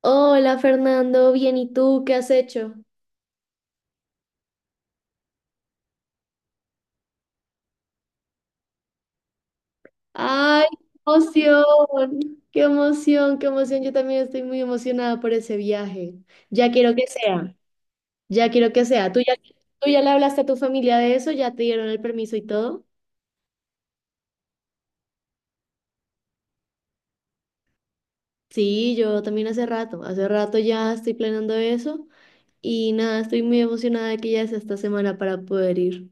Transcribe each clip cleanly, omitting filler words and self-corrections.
Hola Fernando, bien, ¿y tú qué has hecho? ¡Ay, qué emoción! ¡Qué emoción, qué emoción! Yo también estoy muy emocionada por ese viaje. Ya quiero que sea, ya quiero que sea. ¿Tú ya le hablaste a tu familia de eso? ¿Ya te dieron el permiso y todo? Sí, yo también hace rato ya estoy planeando eso y nada, estoy muy emocionada de que ya sea esta semana para poder ir.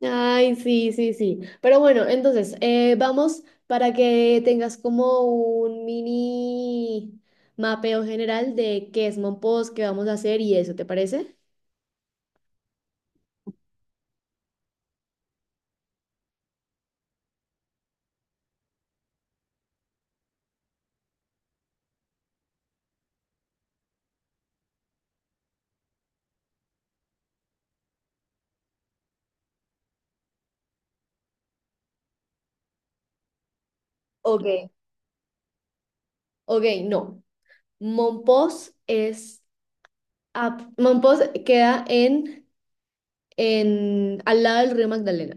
Ay, sí, sí, sí. Pero bueno, entonces, vamos para que tengas como un mini mapeo general de qué es Monpós, qué vamos a hacer y eso, ¿te parece? Ok, Ok, no. Monpós es... Monpós queda al lado del río Magdalena.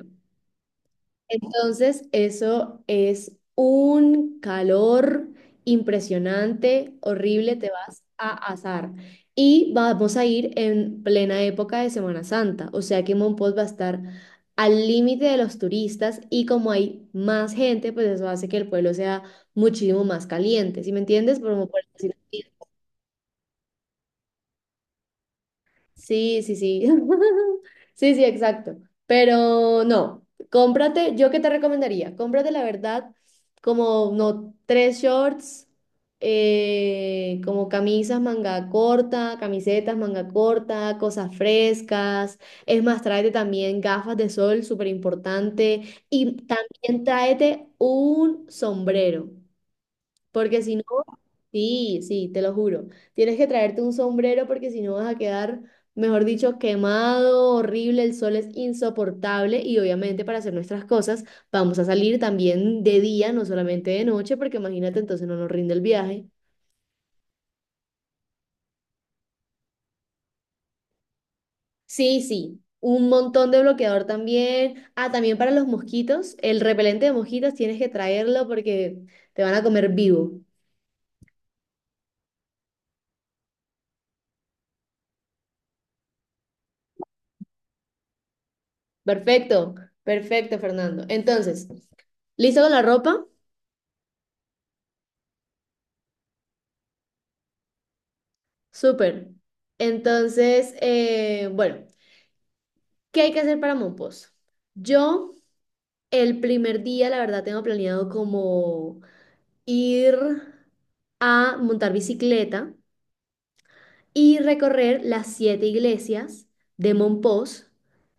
Entonces, eso es un calor impresionante, horrible, te vas a asar. Y vamos a ir en plena época de Semana Santa, o sea que Monpós va a estar al límite de los turistas y como hay más gente, pues eso hace que el pueblo sea muchísimo más caliente, ¿sí me entiendes? Como por decirlo así. Sí, sí, sí. Sí, sí, exacto. Pero no, cómprate, yo qué te recomendaría, cómprate la verdad como no tres shorts, como camisas manga corta, camisetas manga corta, cosas frescas. Es más, tráete también gafas de sol, súper importante. Y también tráete un sombrero, porque si... Sí, sí, te lo juro. Tienes que traerte un sombrero porque si no vas a quedar, mejor dicho, quemado, horrible, el sol es insoportable y obviamente para hacer nuestras cosas vamos a salir también de día, no solamente de noche, porque imagínate, entonces no nos rinde el viaje. Sí, sí, un montón de bloqueador también. Ah, también para los mosquitos, el repelente de mosquitos tienes que traerlo porque te van a comer vivo. Perfecto, perfecto, Fernando. Entonces, ¿listo con la ropa? Súper. Entonces, bueno, ¿qué hay que hacer para Mompox? Yo el primer día, la verdad, tengo planeado como ir a montar bicicleta y recorrer las siete iglesias de Mompox,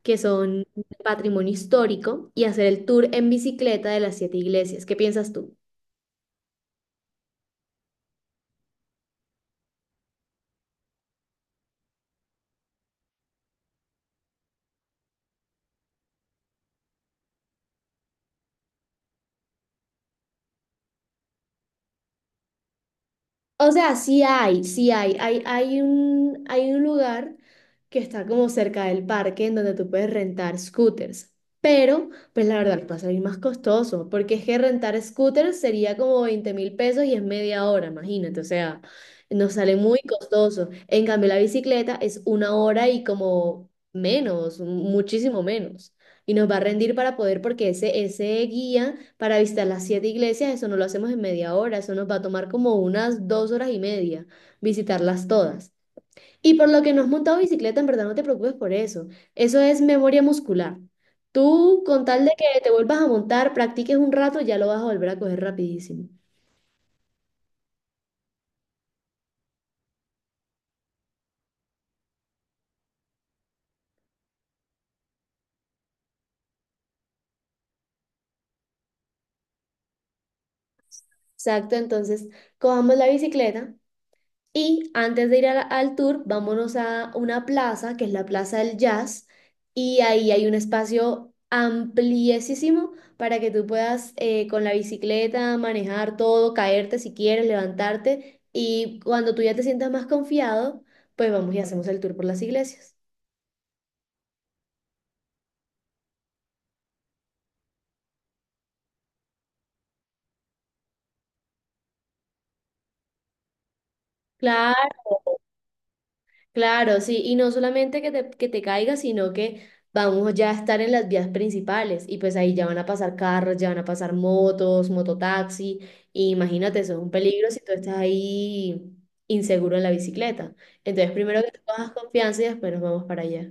que son patrimonio histórico, y hacer el tour en bicicleta de las siete iglesias. ¿Qué piensas tú? O sea, sí hay, sí hay. Hay un lugar que está como cerca del parque en donde tú puedes rentar scooters. Pero, pues la verdad, va a salir más costoso, porque es que rentar scooters sería como 20.000 pesos y es media hora, imagínate. O sea, nos sale muy costoso. En cambio, la bicicleta es una hora y como menos, muchísimo menos. Y nos va a rendir para poder, porque ese guía para visitar las siete iglesias, eso no lo hacemos en media hora, eso nos va a tomar como unas 2 horas y media visitarlas todas. Y por lo que no has montado bicicleta, en verdad no te preocupes por eso. Eso es memoria muscular. Tú, con tal de que te vuelvas a montar, practiques un rato, ya lo vas a volver a coger rapidísimo. Exacto, entonces cojamos la bicicleta. Y antes de ir al tour, vámonos a una plaza, que es la Plaza del Jazz, y ahí hay un espacio ampliesísimo para que tú puedas con la bicicleta manejar todo, caerte si quieres, levantarte, y cuando tú ya te sientas más confiado, pues vamos y hacemos el tour por las iglesias. Claro. Claro, sí, y no solamente que te caiga, sino que vamos ya a estar en las vías principales y pues ahí ya van a pasar carros, ya van a pasar motos, mototaxi, y imagínate, eso es un peligro si tú estás ahí inseguro en la bicicleta. Entonces, primero que tú cojas confianza y después nos vamos para allá.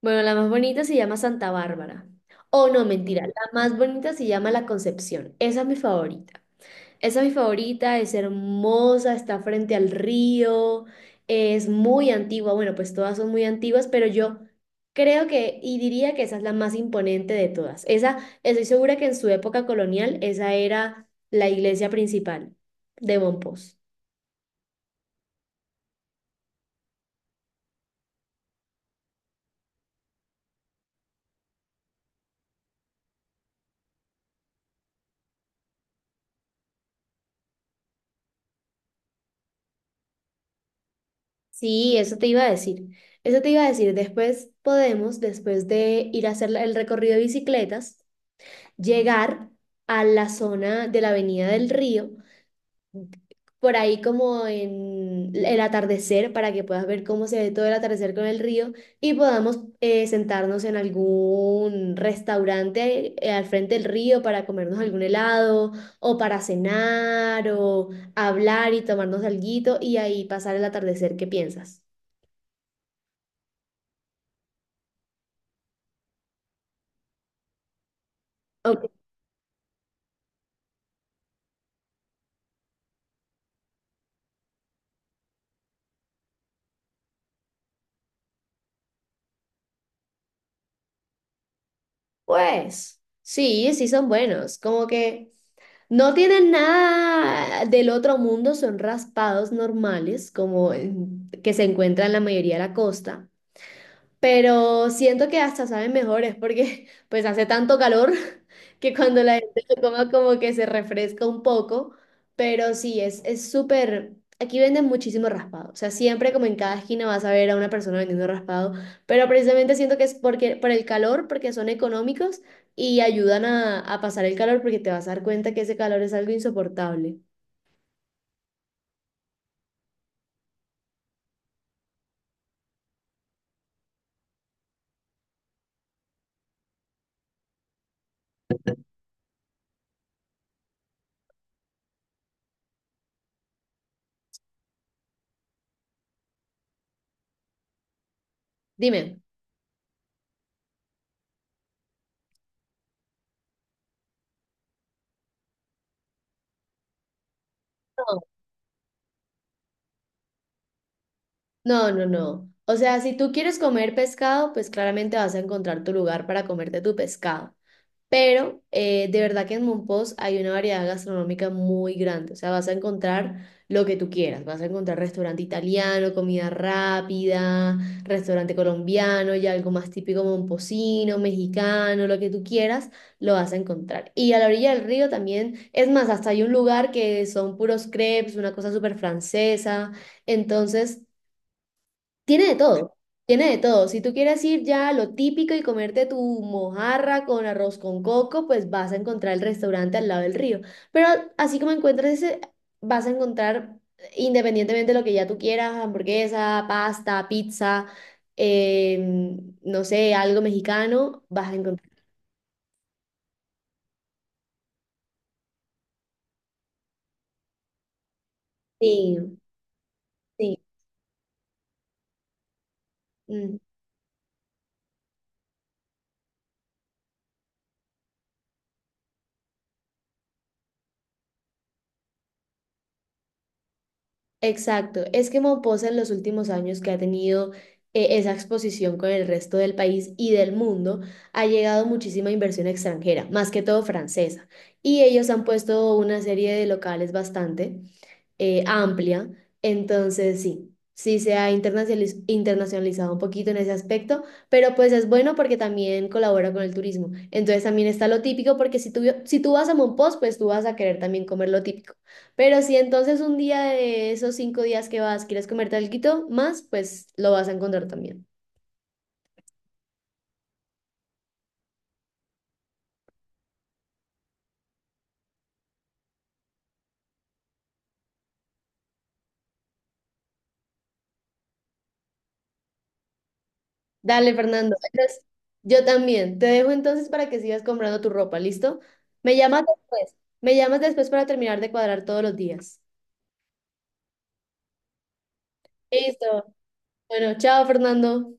Bueno, la más bonita se llama Santa Bárbara. Oh, no, mentira, la más bonita se llama La Concepción. Esa es mi favorita. Esa es mi favorita, es hermosa, está frente al río, es muy antigua. Bueno, pues todas son muy antiguas, pero yo creo que y diría que esa es la más imponente de todas. Esa, estoy segura que en su época colonial, esa era la iglesia principal de Mompós. Sí, eso te iba a decir. Eso te iba a decir. Después podemos, después de ir a hacer el recorrido de bicicletas, llegar a la zona de la Avenida del Río por ahí como en el atardecer para que puedas ver cómo se ve todo el atardecer con el río y podamos sentarnos en algún restaurante al frente del río para comernos algún helado o para cenar o hablar y tomarnos alguito y ahí pasar el atardecer. ¿Qué piensas? Ok. Pues sí, sí son buenos. Como que no tienen nada del otro mundo, son raspados normales, como en- que se encuentran en la mayoría de la costa. Pero siento que hasta saben mejores porque pues hace tanto calor que cuando la gente lo coma como que se refresca un poco. Pero sí, es súper... Aquí venden muchísimo raspado. O sea, siempre como en cada esquina vas a ver a una persona vendiendo raspado. Pero precisamente siento que es porque, por el calor, porque son económicos y ayudan a pasar el calor porque te vas a dar cuenta que ese calor es algo insoportable. Dime. No, no, no. O sea, si tú quieres comer pescado, pues claramente vas a encontrar tu lugar para comerte tu pescado. Pero de verdad que en Mompox hay una variedad gastronómica muy grande. O sea, vas a encontrar lo que tú quieras. Vas a encontrar restaurante italiano, comida rápida, restaurante colombiano, ya algo más típico momposino, mexicano, lo que tú quieras, lo vas a encontrar. Y a la orilla del río también, es más, hasta hay un lugar que son puros crepes, una cosa súper francesa. Entonces... Tiene de todo, tiene de todo. Si tú quieres ir ya a lo típico y comerte tu mojarra con arroz con coco, pues vas a encontrar el restaurante al lado del río. Pero así como encuentras ese, vas a encontrar, independientemente de lo que ya tú quieras, hamburguesa, pasta, pizza, no sé, algo mexicano, vas a encontrar. Sí, sí. Exacto, es que Mompasa en los últimos años que ha tenido esa exposición con el resto del país y del mundo, ha llegado muchísima inversión extranjera, más que todo francesa, y ellos han puesto una serie de locales bastante amplia. Entonces, sí, sí se ha internacionalizado un poquito en ese aspecto, pero pues es bueno porque también colabora con el turismo. Entonces también está lo típico, porque si tú vas a Mompox, pues tú vas a querer también comer lo típico. Pero si entonces un día de esos 5 días que vas quieres comerte algo más, pues lo vas a encontrar también. Dale, Fernando. Entonces, yo también. Te dejo entonces para que sigas comprando tu ropa, ¿listo? Me llamas después. Me llamas después para terminar de cuadrar todos los días. Listo. Bueno, chao Fernando.